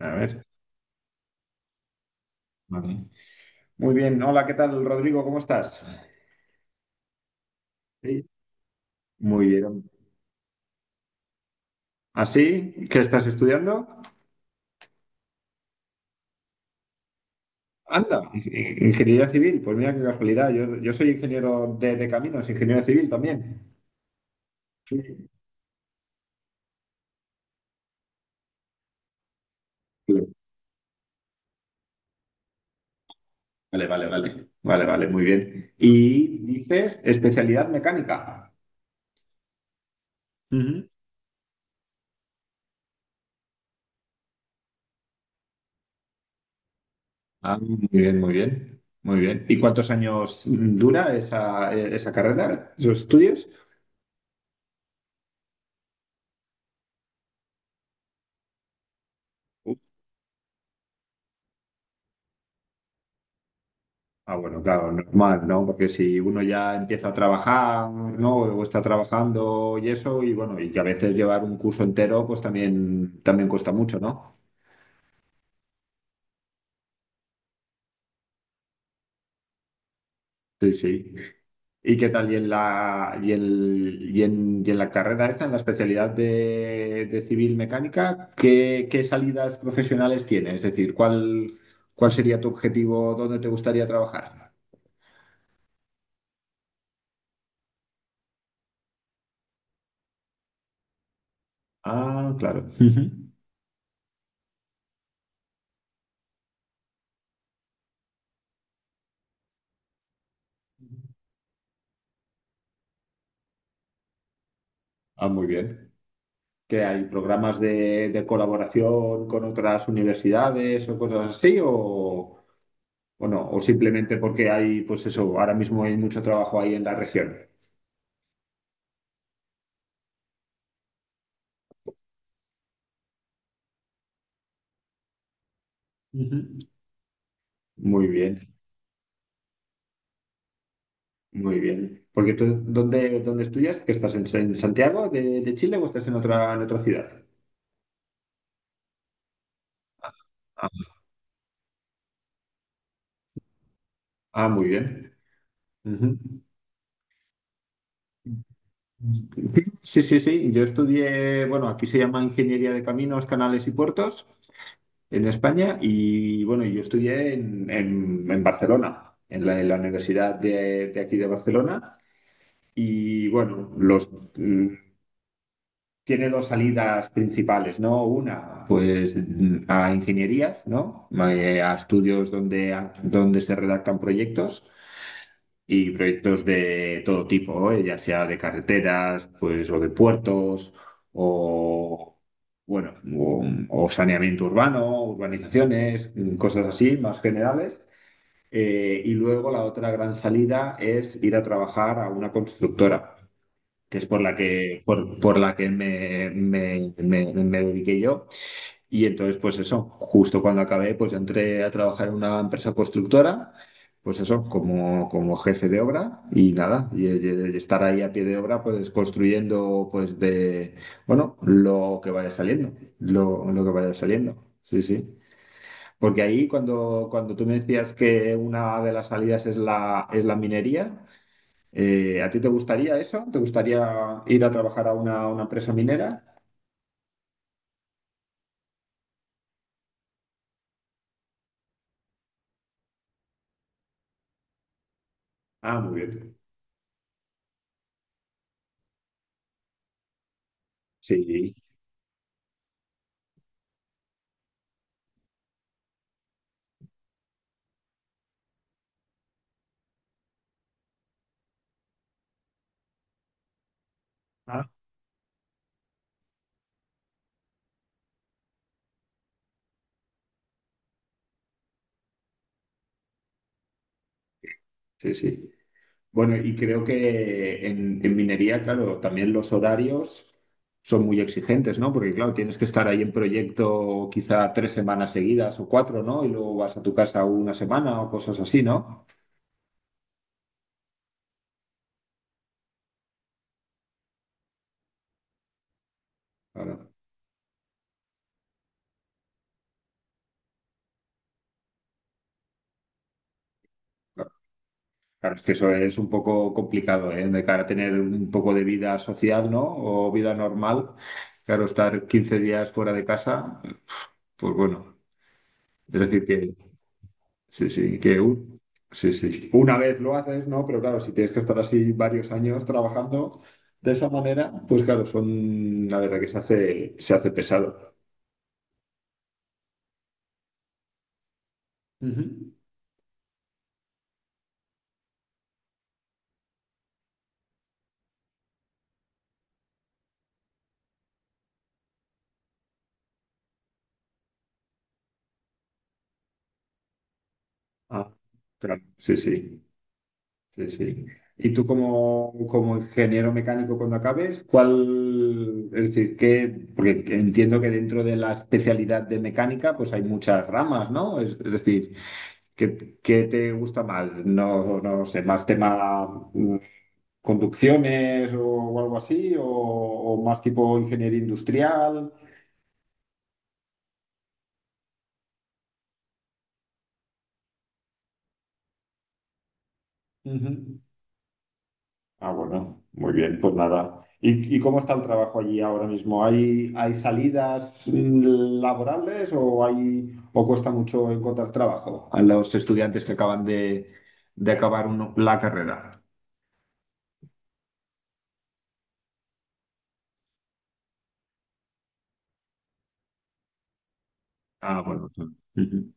A ver. Vale. Muy bien. Hola, ¿qué tal, Rodrigo? ¿Cómo estás? Sí. Muy bien. ¿Así? ¿Qué estás estudiando? Anda, ingeniería civil. Pues mira qué casualidad. Yo soy ingeniero de caminos, ingeniero civil también. Sí. Sí. Vale, vale, vale. Vale, vale, muy bien. Y dices especialidad mecánica. Ujú. Ah, muy bien, muy bien. Muy bien. ¿Y cuántos años dura esa carrera, esos estudios? Ah, bueno, claro, normal, ¿no? Porque si uno ya empieza a trabajar, ¿no? O está trabajando y eso, y bueno, y que a veces llevar un curso entero, pues también, también cuesta mucho, ¿no? Sí, sí. ¿Y qué tal? ¿Y en la, y el, y en la carrera esta, en la especialidad de civil mecánica, ¿qué, qué salidas profesionales tienes? Es decir, ¿cuál, cuál sería tu objetivo? ¿Dónde te gustaría trabajar? Ah, claro. Ujú. Ah, muy bien. Que hay programas de colaboración con otras universidades o cosas así, o no, o simplemente porque hay, pues eso, ahora mismo hay mucho trabajo ahí en la región. Ujú. Muy bien, muy bien. Porque tú, ¿dónde, dónde estudias? ¿Que estás en Santiago de Chile o estás en otra ciudad? Ah, ah, muy bien. Ujú. Sí, sí, sí. Yo estudié, bueno, aquí se llama Ingeniería de Caminos, Canales y Puertos en España y bueno, yo estudié en, en Barcelona, en la Universidad de aquí de Barcelona y bueno, los, mm, tiene dos salidas principales, ¿no? Una, pues a ingenierías, ¿no? A estudios donde, donde se redactan proyectos y proyectos de todo tipo, ¿eh? Ya sea de carreteras, pues, o de puertos, o bueno, o saneamiento urbano, urbanizaciones, cosas así más generales. Y luego la otra gran salida es ir a trabajar a una constructora, que es por la que me dediqué yo. Y entonces, pues eso, justo cuando acabé, pues entré a trabajar en una empresa constructora, pues eso, como, como jefe de obra y nada, y estar ahí a pie de obra, pues construyendo, pues de, bueno, lo que vaya saliendo, lo que vaya saliendo, sí, sí. Porque ahí cuando, cuando tú me decías que una de las salidas es es la minería, ¿a ti te gustaría eso? ¿Te gustaría ir a trabajar a una empresa minera? Ah, muy bien. Sí. Ah, sí, sí. Bueno, y creo que en minería, claro, también los horarios son muy exigentes, ¿no? Porque, claro, tienes que estar ahí en proyecto quizá 3 semanas seguidas o cuatro, ¿no? Y luego vas a tu casa una semana o cosas así, ¿no? Claro, claro, claro, es que eso es un poco complicado, ¿eh? De cara a tener un poco de vida social, ¿no? O vida normal. Claro, estar 15 días fuera de casa, pues bueno, es decir que... Sí, sí, sí, sí. Una vez lo haces, ¿no? Pero claro, si tienes que estar así varios años trabajando de esa manera, pues claro, son, la verdad que se hace pesado. Ujú. Ah, claro, sí, sí, sí, sí. Y tú como, como ingeniero mecánico cuando acabes, ¿cuál, es decir, qué, porque entiendo que dentro de la especialidad de mecánica, pues hay muchas ramas, ¿no? Es decir, ¿qué, qué te gusta más? No, no sé, más tema conducciones o algo así, o más tipo ingeniería industrial. Ujú. Ah, bueno, muy bien, pues nada. Y cómo está el trabajo allí ahora mismo? ¿Hay, hay salidas laborales o hay o cuesta mucho encontrar trabajo a los estudiantes que acaban de acabar la carrera? Ah, bueno. Sí. Ujú.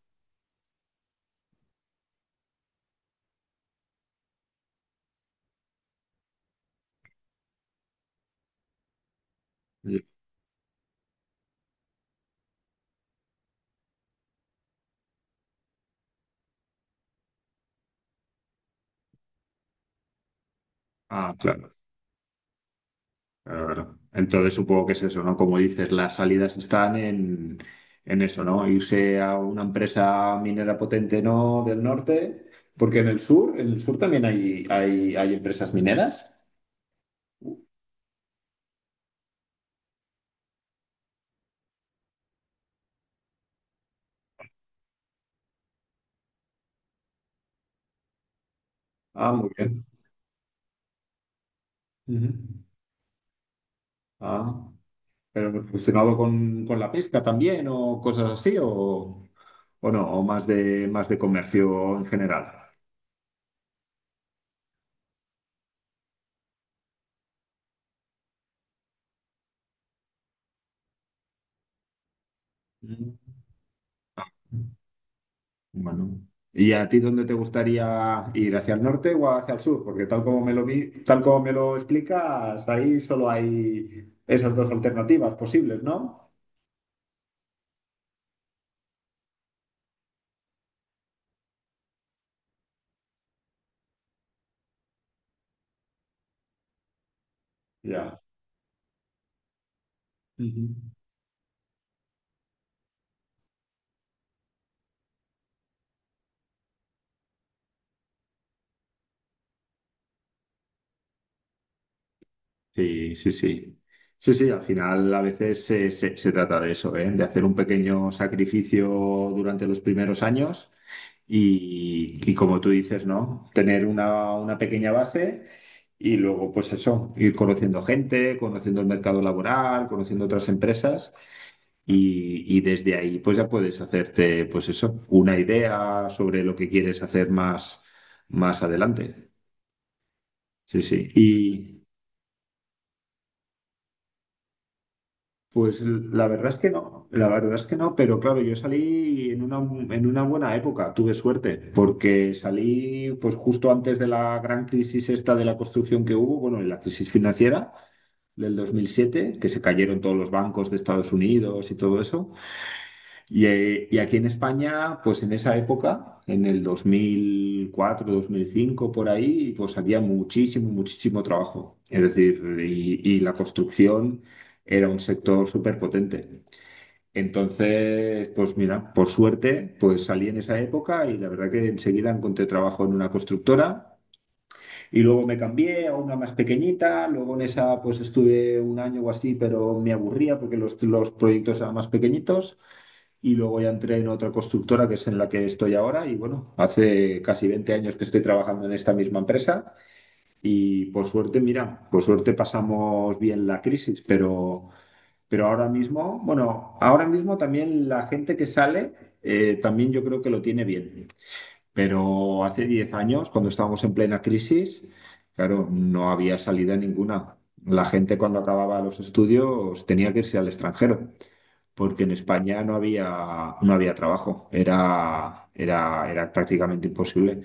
Ah, claro. Claro, claro. Entonces supongo que es eso, ¿no? Como dices, las salidas están en eso, ¿no? Irse a una empresa minera potente, ¿no? Del norte, porque en el sur también hay empresas mineras. Ah, muy bien. Ujú. Ah, pero relacionado con la pesca también o cosas así, o no, o más de comercio en general. Ujú. Bueno. ¿Y a ti dónde te gustaría ir? ¿Hacia el norte o hacia el sur? Porque tal como me lo vi, tal como me lo explicas, ahí solo hay esas dos alternativas posibles, ¿no? Ya. Ujú. Sí, sí, sí. Sí, sí, al final a veces se, se trata de eso, ¿eh? De hacer un pequeño sacrificio durante los primeros años y como tú dices, ¿no? Tener una pequeña base y luego, pues eso, ir conociendo gente, conociendo el mercado laboral, conociendo otras empresas y desde ahí, pues ya puedes hacerte, pues eso, una idea sobre lo que quieres hacer más, más adelante. Sí, sí. Pues la verdad es que no, la verdad es que no, pero claro, yo salí en una buena época, tuve suerte, porque salí pues justo antes de la gran crisis esta de la construcción que hubo, bueno, en la crisis financiera del 2007 que se cayeron todos los bancos de Estados Unidos y todo eso, y aquí en España, pues en esa época, en el 2004, 2005 por ahí, pues había muchísimo, muchísimo trabajo, es decir, y la construcción era un sector súper potente. Entonces, pues mira, por suerte, pues salí en esa época y la verdad que enseguida encontré trabajo en una constructora y luego me cambié a una más pequeñita, luego en esa pues estuve un año o así, pero me aburría porque los proyectos eran más pequeñitos y luego ya entré en otra constructora que es en la que estoy ahora y bueno, hace casi 20 años que estoy trabajando en esta misma empresa y por suerte, mira, por suerte pasamos bien la crisis, pero... Pero ahora mismo, bueno, ahora mismo también la gente que sale, también yo creo que lo tiene bien. Pero hace 10 años, cuando estábamos en plena crisis, claro, no había salida ninguna. La gente cuando acababa los estudios tenía que irse al extranjero, porque en España no había, no había trabajo, era, era, era prácticamente imposible.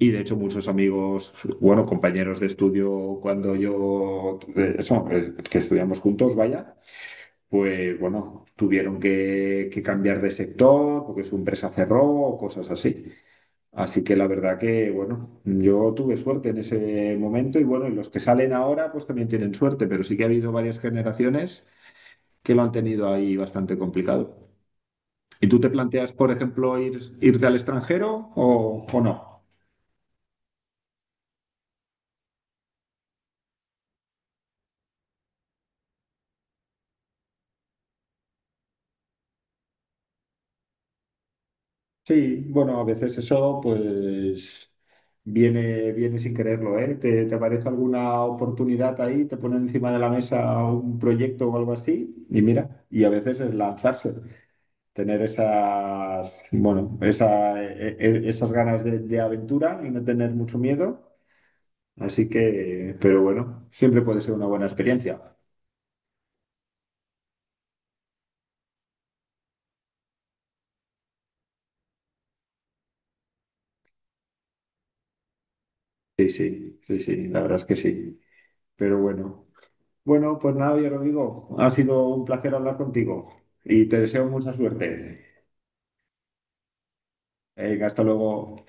Y de hecho muchos amigos, bueno, compañeros de estudio, cuando yo, que estudiamos juntos, vaya, pues bueno, tuvieron que cambiar de sector porque su empresa cerró o cosas así. Así que la verdad que, bueno, yo tuve suerte en ese momento y bueno, y los que salen ahora pues también tienen suerte, pero sí que ha habido varias generaciones que lo han tenido ahí bastante complicado. ¿Y tú te planteas, por ejemplo, ir, irte al extranjero o no? Sí, bueno, a veces eso pues viene, viene sin quererlo, ¿eh? ¿Te, te aparece alguna oportunidad ahí, te ponen encima de la mesa un proyecto o algo así? Y mira, y a veces es lanzarse, tener esas, bueno, esa, esas ganas de aventura y no tener mucho miedo. Así que, pero bueno, siempre puede ser una buena experiencia. Sí, sí, sí, sí, la verdad es que sí. Pero bueno. Bueno, pues nada, yo lo digo. Ha sido un placer hablar contigo y te deseo mucha suerte. Venga, hasta luego.